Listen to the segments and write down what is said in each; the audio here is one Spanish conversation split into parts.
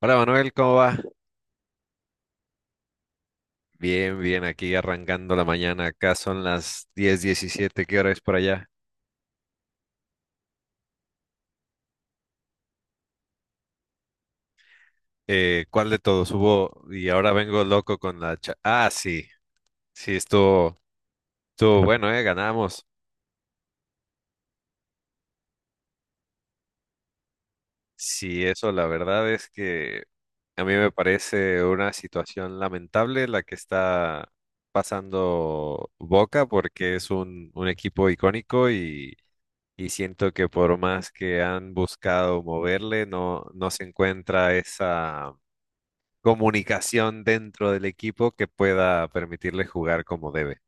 Hola Manuel, ¿cómo va? Bien, bien, aquí arrancando la mañana. Acá son las 10:17. ¿Qué hora es por allá? ¿Cuál de todos hubo? Y ahora vengo loco con la cha- sí, sí, estuvo bueno, ¿eh? Ganamos. Sí, eso la verdad es que a mí me parece una situación lamentable la que está pasando Boca porque es un equipo icónico y siento que por más que han buscado moverle, no, no se encuentra esa comunicación dentro del equipo que pueda permitirle jugar como debe.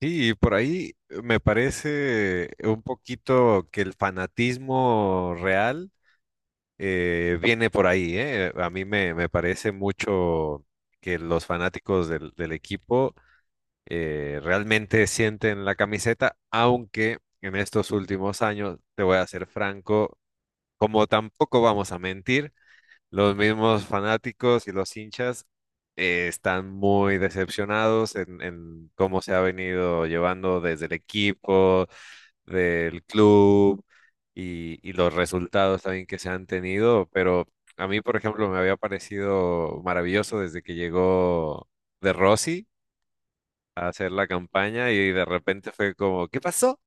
Sí, y por ahí me parece un poquito que el fanatismo real viene por ahí, ¿eh? A mí me parece mucho que los fanáticos del equipo realmente sienten la camiseta, aunque en estos últimos años, te voy a ser franco, como tampoco vamos a mentir, los mismos fanáticos y los hinchas están muy decepcionados en cómo se ha venido llevando desde el equipo, del club y los resultados también que se han tenido. Pero a mí, por ejemplo, me había parecido maravilloso desde que llegó De Rossi a hacer la campaña y de repente fue como, ¿qué pasó?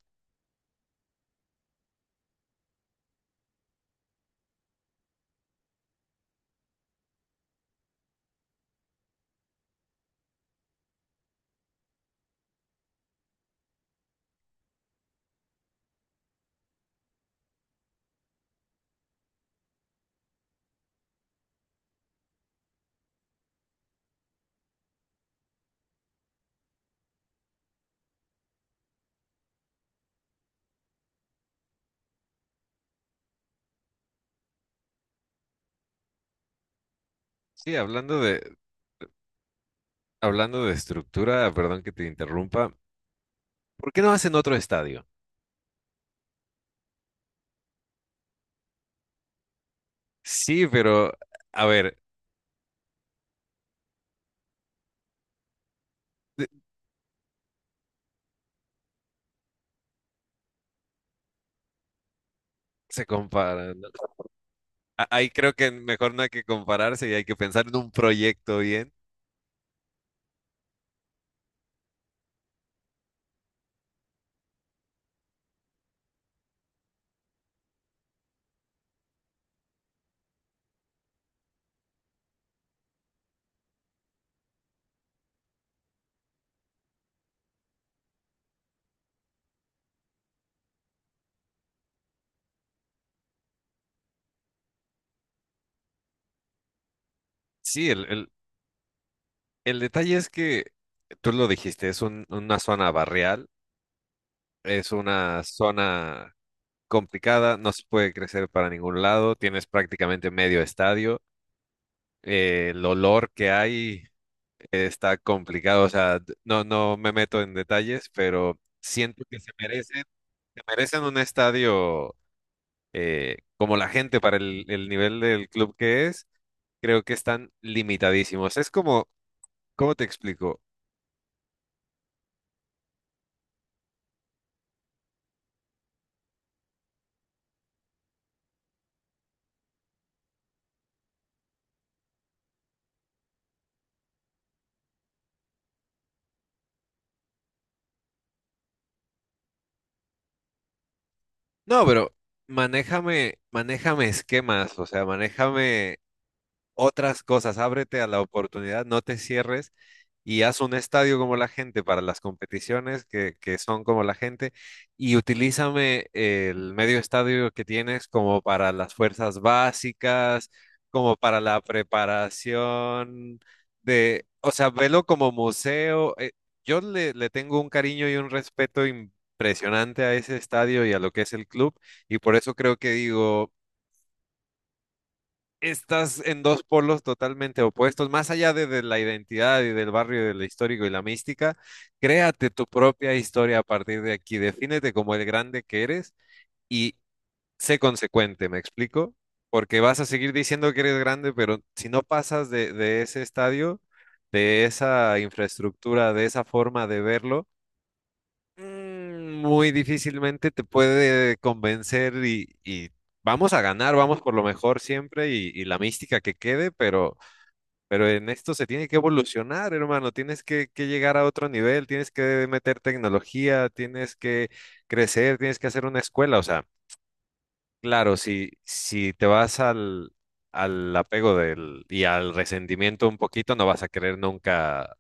Sí, hablando de estructura, perdón que te interrumpa, ¿por qué no hacen otro estadio? Sí, pero a ver, de- se comparan, ¿no? A- Ahí creo que mejor no hay que compararse y hay que pensar en un proyecto bien. Sí, el detalle es que tú lo dijiste, es un- una zona barrial, es una zona complicada, no se puede crecer para ningún lado, tienes prácticamente medio estadio, el olor que hay está complicado, o sea, d- no, no me meto en detalles, pero siento que se merecen un estadio. Como la gente para el nivel del club que es, creo que están limitadísimos. Es como, ¿cómo te explico? No, pero manéjame, manéjame esquemas, o sea, manéjame otras cosas, ábrete a la oportunidad, no te cierres y haz un estadio como la gente para las competiciones que son como la gente, y utilízame el medio estadio que tienes como para las fuerzas básicas, como para la preparación de, o sea, velo como museo. Yo le tengo un cariño y un respeto impresionante a ese estadio y a lo que es el club, y por eso creo que digo estás en dos polos totalmente opuestos, más allá de la identidad y del barrio, del histórico y la mística, créate tu propia historia a partir de aquí, defínete como el grande que eres y sé consecuente, ¿me explico? Porque vas a seguir diciendo que eres grande, pero si no pasas de ese estadio, de esa infraestructura, de esa forma de verlo, muy difícilmente te puede convencer y vamos a ganar, vamos por lo mejor siempre y la mística que quede, pero en esto se tiene que evolucionar, hermano, tienes que llegar a otro nivel, tienes que meter tecnología, tienes que crecer, tienes que hacer una escuela, o sea, claro, si te vas al, al apego del, y al resentimiento un poquito, no vas a querer nunca.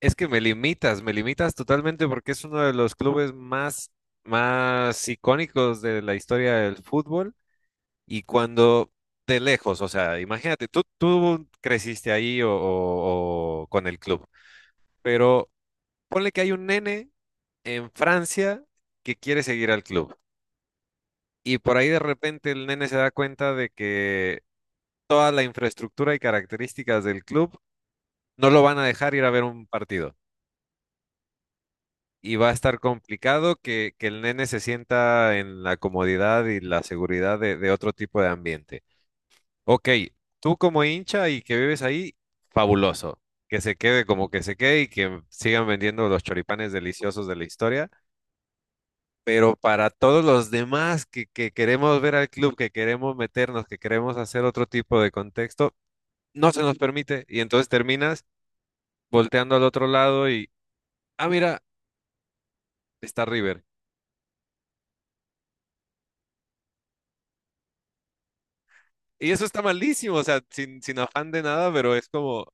Es que me limitas totalmente porque es uno de los clubes más, más icónicos de la historia del fútbol. Y cuando de lejos, o sea, imagínate, tú creciste ahí o con el club, pero ponle que hay un nene en Francia que quiere seguir al club. Y por ahí de repente el nene se da cuenta de que toda la infraestructura y características del club no lo van a dejar ir a ver un partido, y va a estar complicado que el nene se sienta en la comodidad y la seguridad de otro tipo de ambiente. Ok, tú como hincha y que vives ahí, fabuloso. Que se quede como que se quede, y que sigan vendiendo los choripanes deliciosos de la historia. Pero para todos los demás que queremos ver al club, que queremos meternos, que queremos hacer otro tipo de contexto, no se nos permite. Y entonces terminas volteando al otro lado y, ah, mira, está River. Y eso está malísimo, o sea, sin, sin afán de nada, pero es como,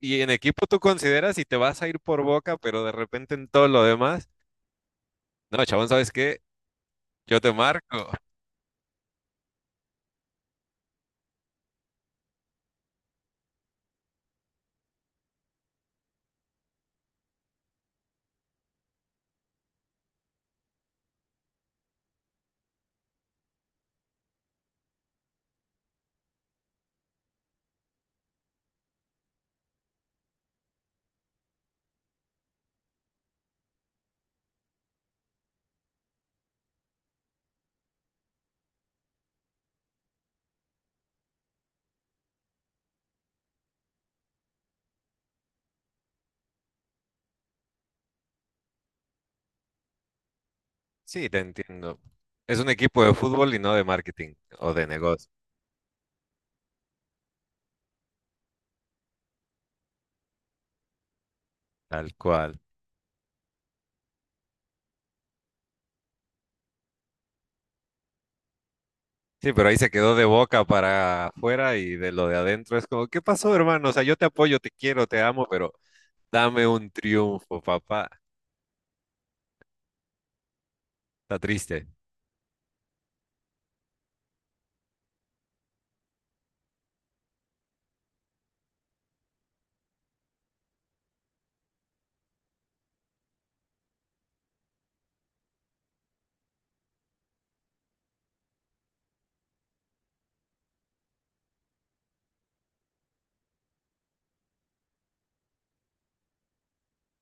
y en equipo tú consideras y te vas a ir por Boca, pero de repente en todo lo demás, no, chabón, ¿sabes qué? Yo te marco. Sí, te entiendo. Es un equipo de fútbol y no de marketing o de negocio, tal cual. Sí, pero ahí se quedó de Boca para afuera y de lo de adentro es como, ¿qué pasó, hermano? O sea, yo te apoyo, te quiero, te amo, pero dame un triunfo, papá. Está triste.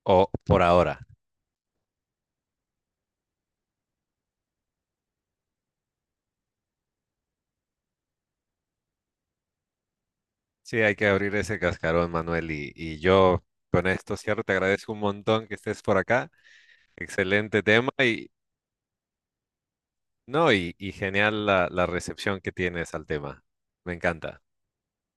O por ahora. Sí, hay que abrir ese cascarón, Manuel. Y yo con esto cierro, te agradezco un montón que estés por acá. Excelente tema y no, y genial la, la recepción que tienes al tema. Me encanta.